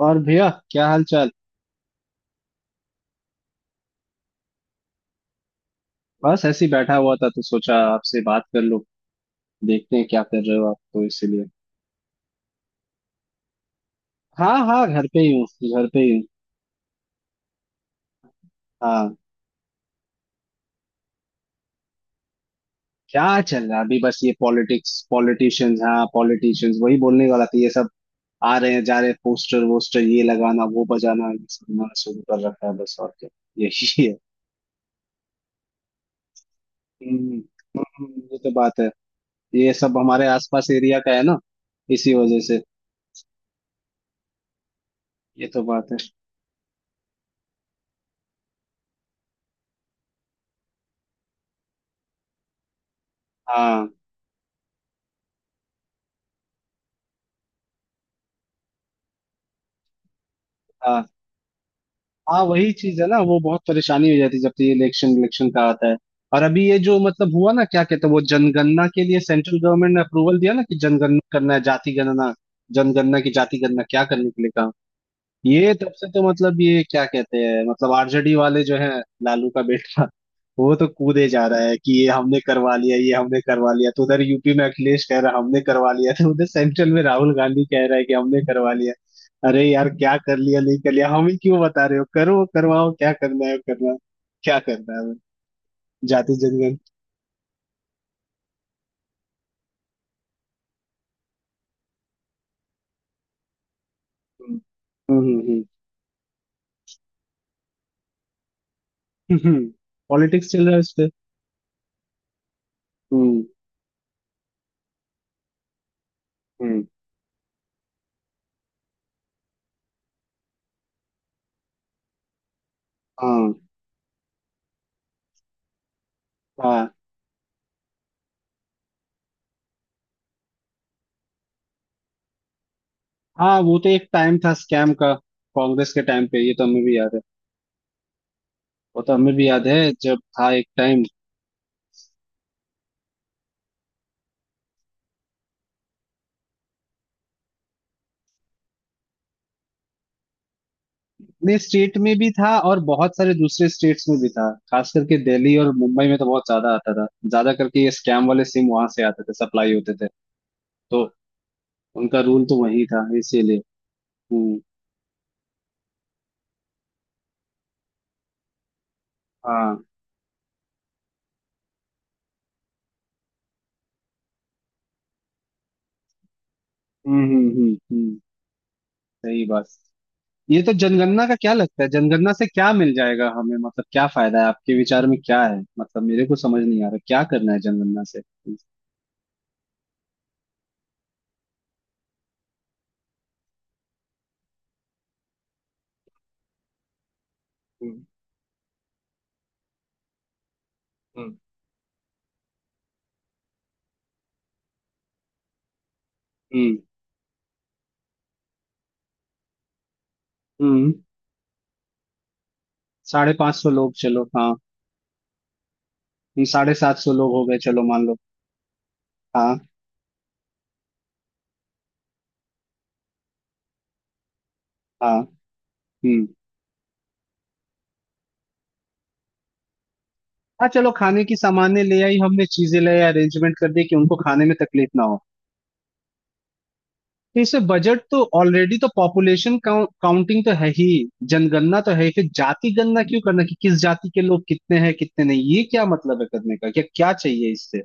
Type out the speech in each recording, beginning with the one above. और भैया, क्या हाल चाल। बस ऐसे ही बैठा हुआ था तो सोचा आपसे बात कर लो, देखते हैं क्या कर रहे हो आप, तो इसीलिए। हाँ हाँ, घर पे ही हूँ। घर पे ही हूँ। हाँ। क्या चल रहा है अभी, बस ये पॉलिटिक्स पॉलिटिशियंस, हाँ पॉलिटिशियंस वही बोलने वाला था ये सब। आ रहे हैं जा रहे हैं, पोस्टर वोस्टर ये लगाना वो बजाना, ये सब उन्होंने शुरू कर रखा है, बस और क्या। यही है। हम्म, ये तो बात है। ये सब हमारे आसपास एरिया का है ना, इसी वजह से। ये तो बात है। हाँ हाँ। हाँ, वही चीज है ना, वो बहुत परेशानी हो जाती है जब तक ये इलेक्शन इलेक्शन का आता है। और अभी ये जो मतलब हुआ ना क्या कहते हैं, वो जनगणना के लिए सेंट्रल गवर्नमेंट ने अप्रूवल दिया ना कि जनगणना करना है जाति गणना। जनगणना की जाति गणना क्या करने के लिए कहा। ये तब से तो मतलब ये क्या कहते हैं, मतलब आरजेडी वाले जो है, लालू का बेटा, वो तो कूदे जा रहा है कि ये हमने करवा लिया ये हमने करवा लिया, तो उधर यूपी में अखिलेश कह रहा है हमने करवा लिया, तो उधर सेंट्रल में राहुल गांधी कह रहा है कि हमने करवा लिया। अरे यार, क्या कर लिया नहीं कर लिया, हम ही क्यों बता रहे हो, करो करवाओ, क्या करना है करना। क्या करना है। जाति जनगण। हम्म, हम्म, हम्म। पॉलिटिक्स चल रहा है उस पे। हम्म। हम्म। हाँ, हाँ, हाँ। वो तो एक टाइम था स्कैम का। कांग्रेस के टाइम पे ये तो हमें भी याद है। वो तो हमें भी याद है। जब था एक टाइम। अपने स्टेट में भी था और बहुत सारे दूसरे स्टेट्स में भी था, खास करके दिल्ली और मुंबई में तो बहुत ज्यादा आता था, ज्यादा करके ये स्कैम वाले सिम वहां से आते थे सप्लाई होते थे। तो उनका रूल तो वही था इसीलिए। हम्म। हाँ। हम्म, हम्म, हम्म। सही बात। ये तो जनगणना का क्या लगता है, जनगणना से क्या मिल जाएगा हमें, मतलब क्या फायदा है आपके विचार में क्या है, मतलब मेरे को समझ नहीं आ रहा क्या करना है जनगणना से। हम्म। हम्म, हम्म, 550 लोग चलो हाँ। 750 लोग हो गए चलो मान लो। हाँ। हाँ। हम्म। हाँ, चलो खाने की सामान्य ले आई हमने, चीजें ले आई, अरेंजमेंट कर दी कि उनको खाने में तकलीफ ना हो। तो इससे बजट तो ऑलरेडी तो पॉपुलेशन काउंटिंग तो है ही। जनगणना तो है ही, फिर जाति गणना क्यों करना कि किस जाति के लोग कितने हैं कितने नहीं, ये क्या मतलब है करने का, क्या क्या चाहिए इससे।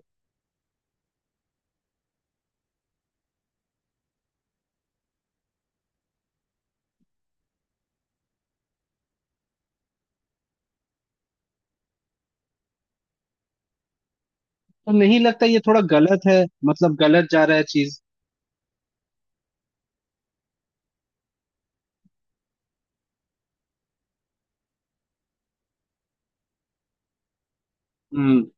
तो नहीं लगता ये थोड़ा गलत है, मतलब गलत जा रहा है चीज।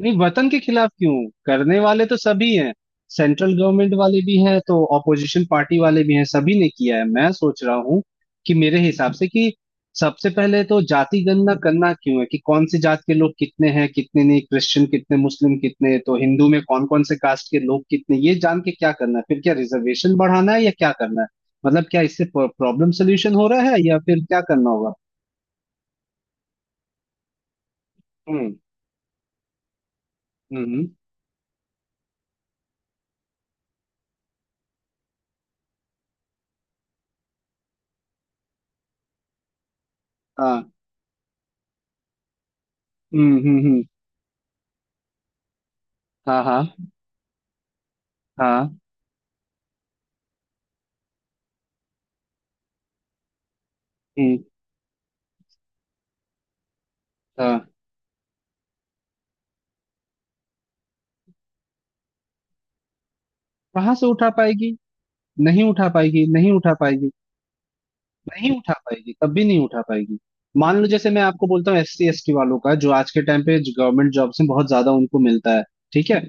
नहीं, वतन के खिलाफ क्यों। करने वाले तो सभी हैं। सेंट्रल गवर्नमेंट वाले भी हैं तो ऑपोजिशन पार्टी वाले भी हैं, सभी ने किया है। मैं सोच रहा हूँ कि मेरे हिसाब से कि सबसे पहले तो जाति गणना करना क्यों है, कि कौन सी जात के लोग कितने हैं कितने नहीं, क्रिश्चियन कितने, मुस्लिम कितने, तो हिंदू में कौन कौन से कास्ट के लोग कितने, ये जान के क्या करना है, फिर क्या रिजर्वेशन बढ़ाना है या क्या करना है। मतलब क्या इससे प्रॉब्लम सोल्यूशन हो रहा है या फिर क्या करना होगा। हम्म, हम्म। हाँ। हम्म, हम्म, हम्म। हाँ, हाँ। हाँ। हम्म। हाँ। कहाँ से उठा पाएगी। नहीं उठा पाएगी, नहीं उठा पाएगी। नहीं उठा पाएगी, कभी नहीं उठा पाएगी। मान लो जैसे मैं आपको बोलता हूँ एस सी एस टी वालों का, जो आज के टाइम पे गवर्नमेंट जॉब्स में बहुत ज्यादा उनको मिलता है। ठीक है।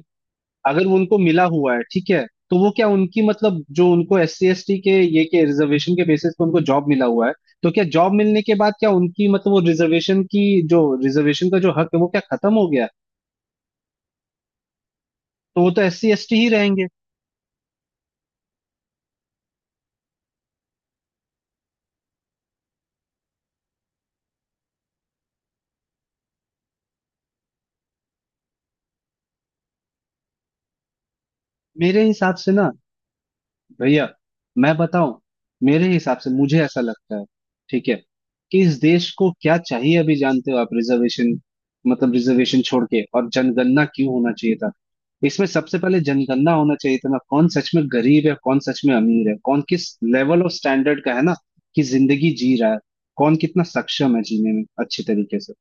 अगर उनको मिला हुआ है ठीक है तो वो क्या उनकी, मतलब जो उनको एस सी एस टी के ये के रिजर्वेशन के बेसिस पे उनको जॉब मिला हुआ है, तो क्या जॉब मिलने के बाद क्या उनकी मतलब वो रिजर्वेशन की, जो रिजर्वेशन का जो हक है वो क्या खत्म हो गया। तो वो तो एस सी एस टी ही रहेंगे। मेरे हिसाब से ना भैया, मैं बताऊं। मेरे हिसाब से मुझे ऐसा लगता है ठीक है, कि इस देश को क्या चाहिए अभी जानते हो आप, रिजर्वेशन, मतलब रिजर्वेशन छोड़ के और जनगणना क्यों होना चाहिए था। इसमें सबसे पहले जनगणना होना चाहिए था ना, कौन सच में गरीब है कौन सच में अमीर है, कौन किस लेवल ऑफ स्टैंडर्ड का है ना, कि जिंदगी जी रहा है, कौन कितना सक्षम है जीने में अच्छे तरीके से।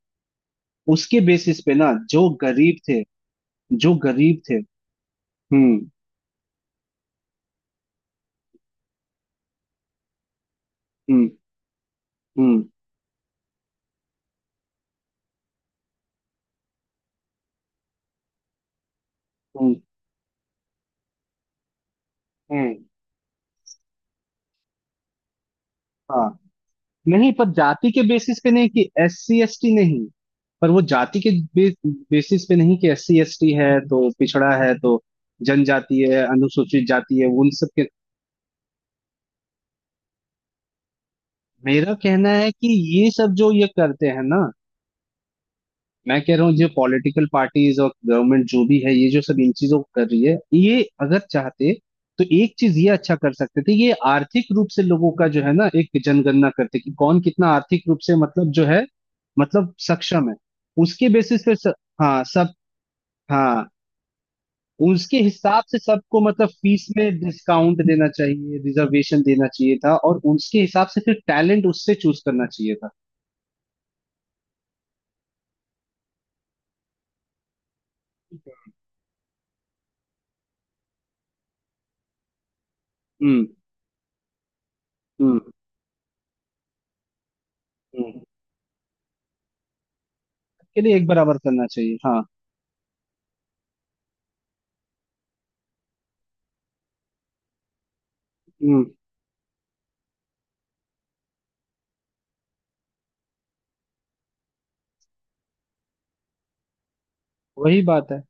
उसके बेसिस पे ना जो गरीब थे, जो गरीब थे। हम्म, हम्म, हम्म, हम्म। हम्म, हाँ। नहीं पर जाति के बेसिस पे नहीं, कि एस सी एस टी नहीं। पर वो जाति के बेसिस पे नहीं, कि एस सी एस टी है तो पिछड़ा है, तो जनजाति है अनुसूचित जाति है उन सब के। मेरा कहना है कि ये सब जो ये करते हैं ना, मैं कह रहा हूँ जो पॉलिटिकल पार्टीज और गवर्नमेंट जो भी है ये जो सब इन चीजों को कर रही है, ये अगर चाहते तो एक चीज ये अच्छा कर सकते थे, ये आर्थिक रूप से लोगों का जो है ना एक जनगणना करते कि कौन कितना आर्थिक रूप से मतलब जो है, मतलब सक्षम है। उसके बेसिस पे हाँ सब, हाँ। उसके हिसाब से सबको मतलब फीस में डिस्काउंट देना चाहिए रिजर्वेशन देना चाहिए था, और उसके हिसाब से फिर टैलेंट उससे चूज करना चाहिए था। हम्म। हम्म। हम्म के लिए एक बराबर करना चाहिए, हाँ। हम्म। वही बात है।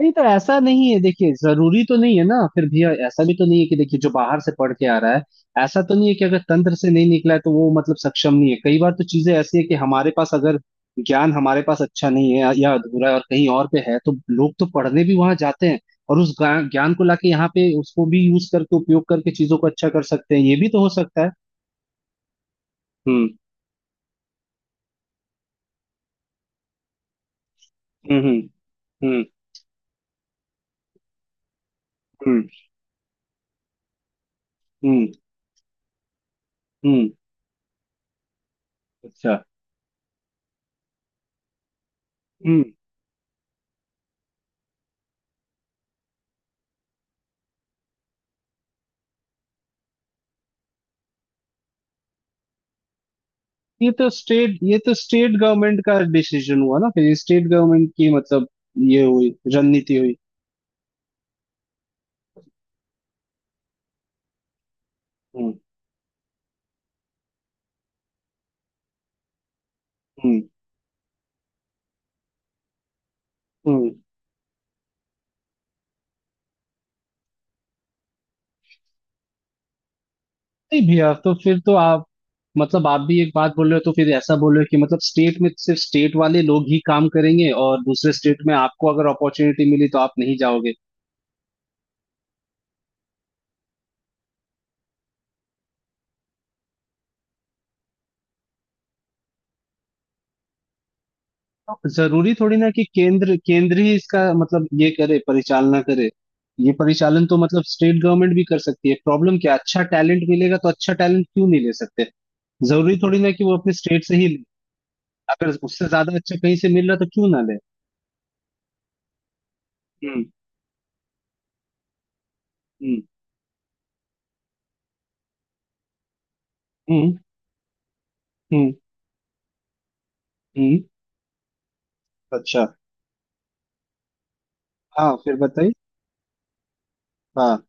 नहीं तो ऐसा नहीं है देखिए, जरूरी तो नहीं है ना, फिर भी ऐसा भी तो नहीं है कि, देखिए जो बाहर से पढ़ के आ रहा है, ऐसा तो नहीं है कि अगर तंत्र से नहीं निकला है तो वो मतलब सक्षम नहीं है, कई बार तो चीजें ऐसी है कि हमारे पास अगर ज्ञान, हमारे पास अच्छा नहीं है या अधूरा है और कहीं और पे है तो लोग तो पढ़ने भी वहां जाते हैं, और उस ज्ञान ज्ञान को लाके यहाँ पे उसको भी यूज करके उपयोग करके चीजों को अच्छा कर सकते हैं, ये भी तो हो सकता है। हम्म। हम्म। हम्म। हम्म। हम्म। हम्म। हम्म, अच्छा। ये तो स्टेट गवर्नमेंट का डिसीजन हुआ ना फिर, स्टेट गवर्नमेंट की मतलब ये हुई, रणनीति हुई। हम्म। हम्म। हम्म। नहीं भैया, तो फिर तो आप, मतलब आप भी एक बात बोल रहे हो तो फिर ऐसा बोल रहे हो कि मतलब स्टेट में सिर्फ स्टेट वाले लोग ही काम करेंगे, और दूसरे स्टेट में आपको अगर अपॉर्चुनिटी मिली तो आप नहीं जाओगे। जरूरी थोड़ी ना कि केंद्र केंद्र ही इसका मतलब ये करे, परिचालना करे। ये परिचालन तो मतलब स्टेट गवर्नमेंट भी कर सकती है, प्रॉब्लम क्या, अच्छा टैलेंट मिलेगा तो अच्छा टैलेंट क्यों नहीं ले सकते। जरूरी थोड़ी ना कि वो अपने स्टेट से ही ले, अगर उससे ज्यादा अच्छा कहीं से मिल रहा तो क्यों ना ले। हम्म। हम्म। हम्म। हम्म। हम्म। अच्छा। हाँ, फिर बताइए। हाँ।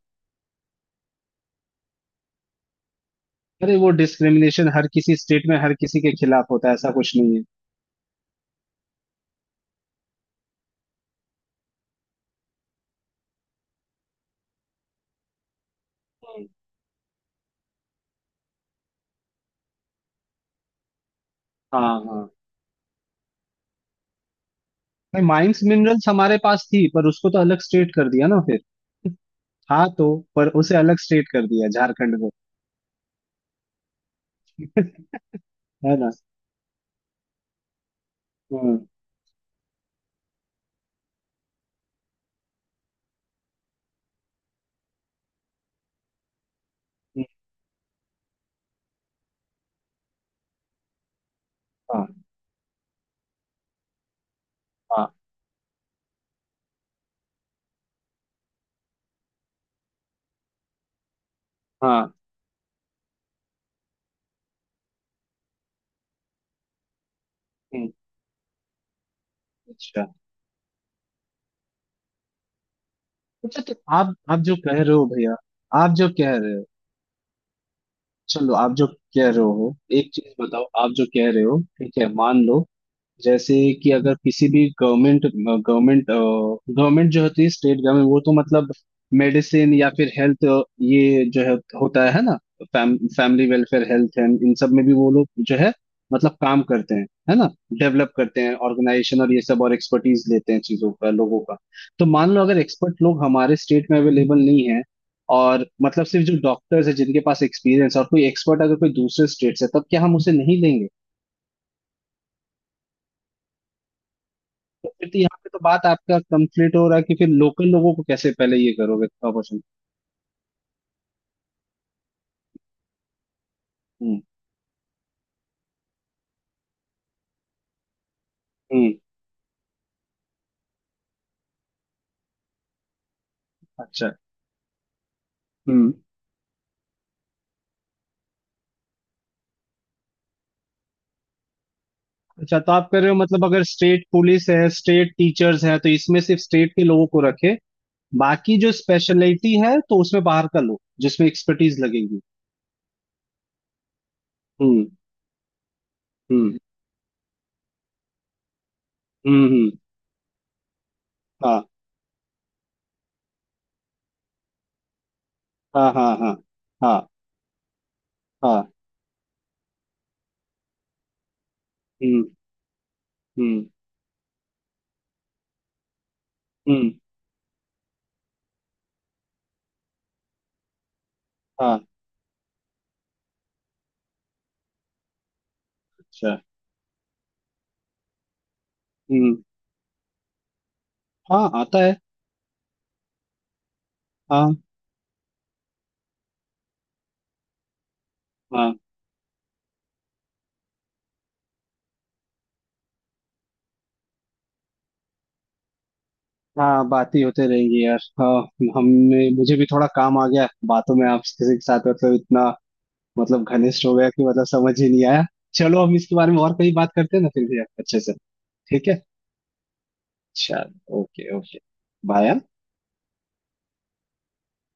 अरे, वो डिस्क्रिमिनेशन हर किसी स्टेट में हर किसी के खिलाफ होता है, ऐसा कुछ नहीं है। हम्म, हाँ, हाँ। नहीं माइंस मिनरल्स हमारे पास थी पर उसको तो अलग स्टेट कर दिया ना फिर। हाँ तो, पर उसे अलग स्टेट कर दिया झारखंड को। है ना। हम्म, हम्म, हाँ, हाँ, हाँ। हम्म, अच्छा। अच्छा तो आप, जो कह रहे हो भैया, आप जो कह रहे हो, चलो आप जो कह रहे हो एक चीज बताओ, आप जो कह रहे हो ठीक है, मान लो, जैसे कि अगर किसी भी गवर्नमेंट, गवर्नमेंट जो होती है, स्टेट गवर्नमेंट, वो तो मतलब मेडिसिन या फिर हेल्थ, ये जो है होता है ना, फैमिली वेलफेयर हेल्थ है, इन सब में भी वो लोग जो है मतलब काम करते हैं है ना, डेवलप करते हैं, ऑर्गेनाइजेशन और ये सब, और एक्सपर्टीज लेते हैं चीजों का लोगों का। तो मान लो अगर एक्सपर्ट लोग हमारे स्टेट में अवेलेबल नहीं है, और मतलब सिर्फ जो डॉक्टर्स है जिनके पास एक्सपीरियंस, और कोई एक्सपर्ट अगर कोई दूसरे स्टेट से, तब क्या हम उसे नहीं लेंगे। तो फिर तो यहाँ पे तो बात आपका कंप्लीट हो रहा है, कि फिर लोकल लोगों को कैसे पहले ये करोगे प्रमोशन। हम्म। हम्म। अच्छा। हम्म। अच्छा तो आप कह रहे हो मतलब अगर स्टेट पुलिस है स्टेट टीचर्स है तो इसमें सिर्फ स्टेट के लोगों को रखे, बाकी जो स्पेशलिटी है तो उसमें बाहर का लोग जिसमें एक्सपर्टीज लगेगी। हम्म। हम्म। हम्म। हाँ, हाँ, हाँ, हाँ, हाँ, हाँ। हम्म। हम्म। हम्म। हाँ। अच्छा। हम्म। हाँ, आता है। हाँ, हाँ, हाँ, बातें होते रहेंगी यार, हाँ। हमने, मुझे भी थोड़ा काम आ गया बातों में आपके साथ, मतलब इतना मतलब घनिष्ठ हो गया कि मतलब समझ ही नहीं आया। चलो हम इसके बारे में और कहीं बात करते हैं ना फिर भी अच्छे से। ठीक है। चल। Okay, okay. बाय।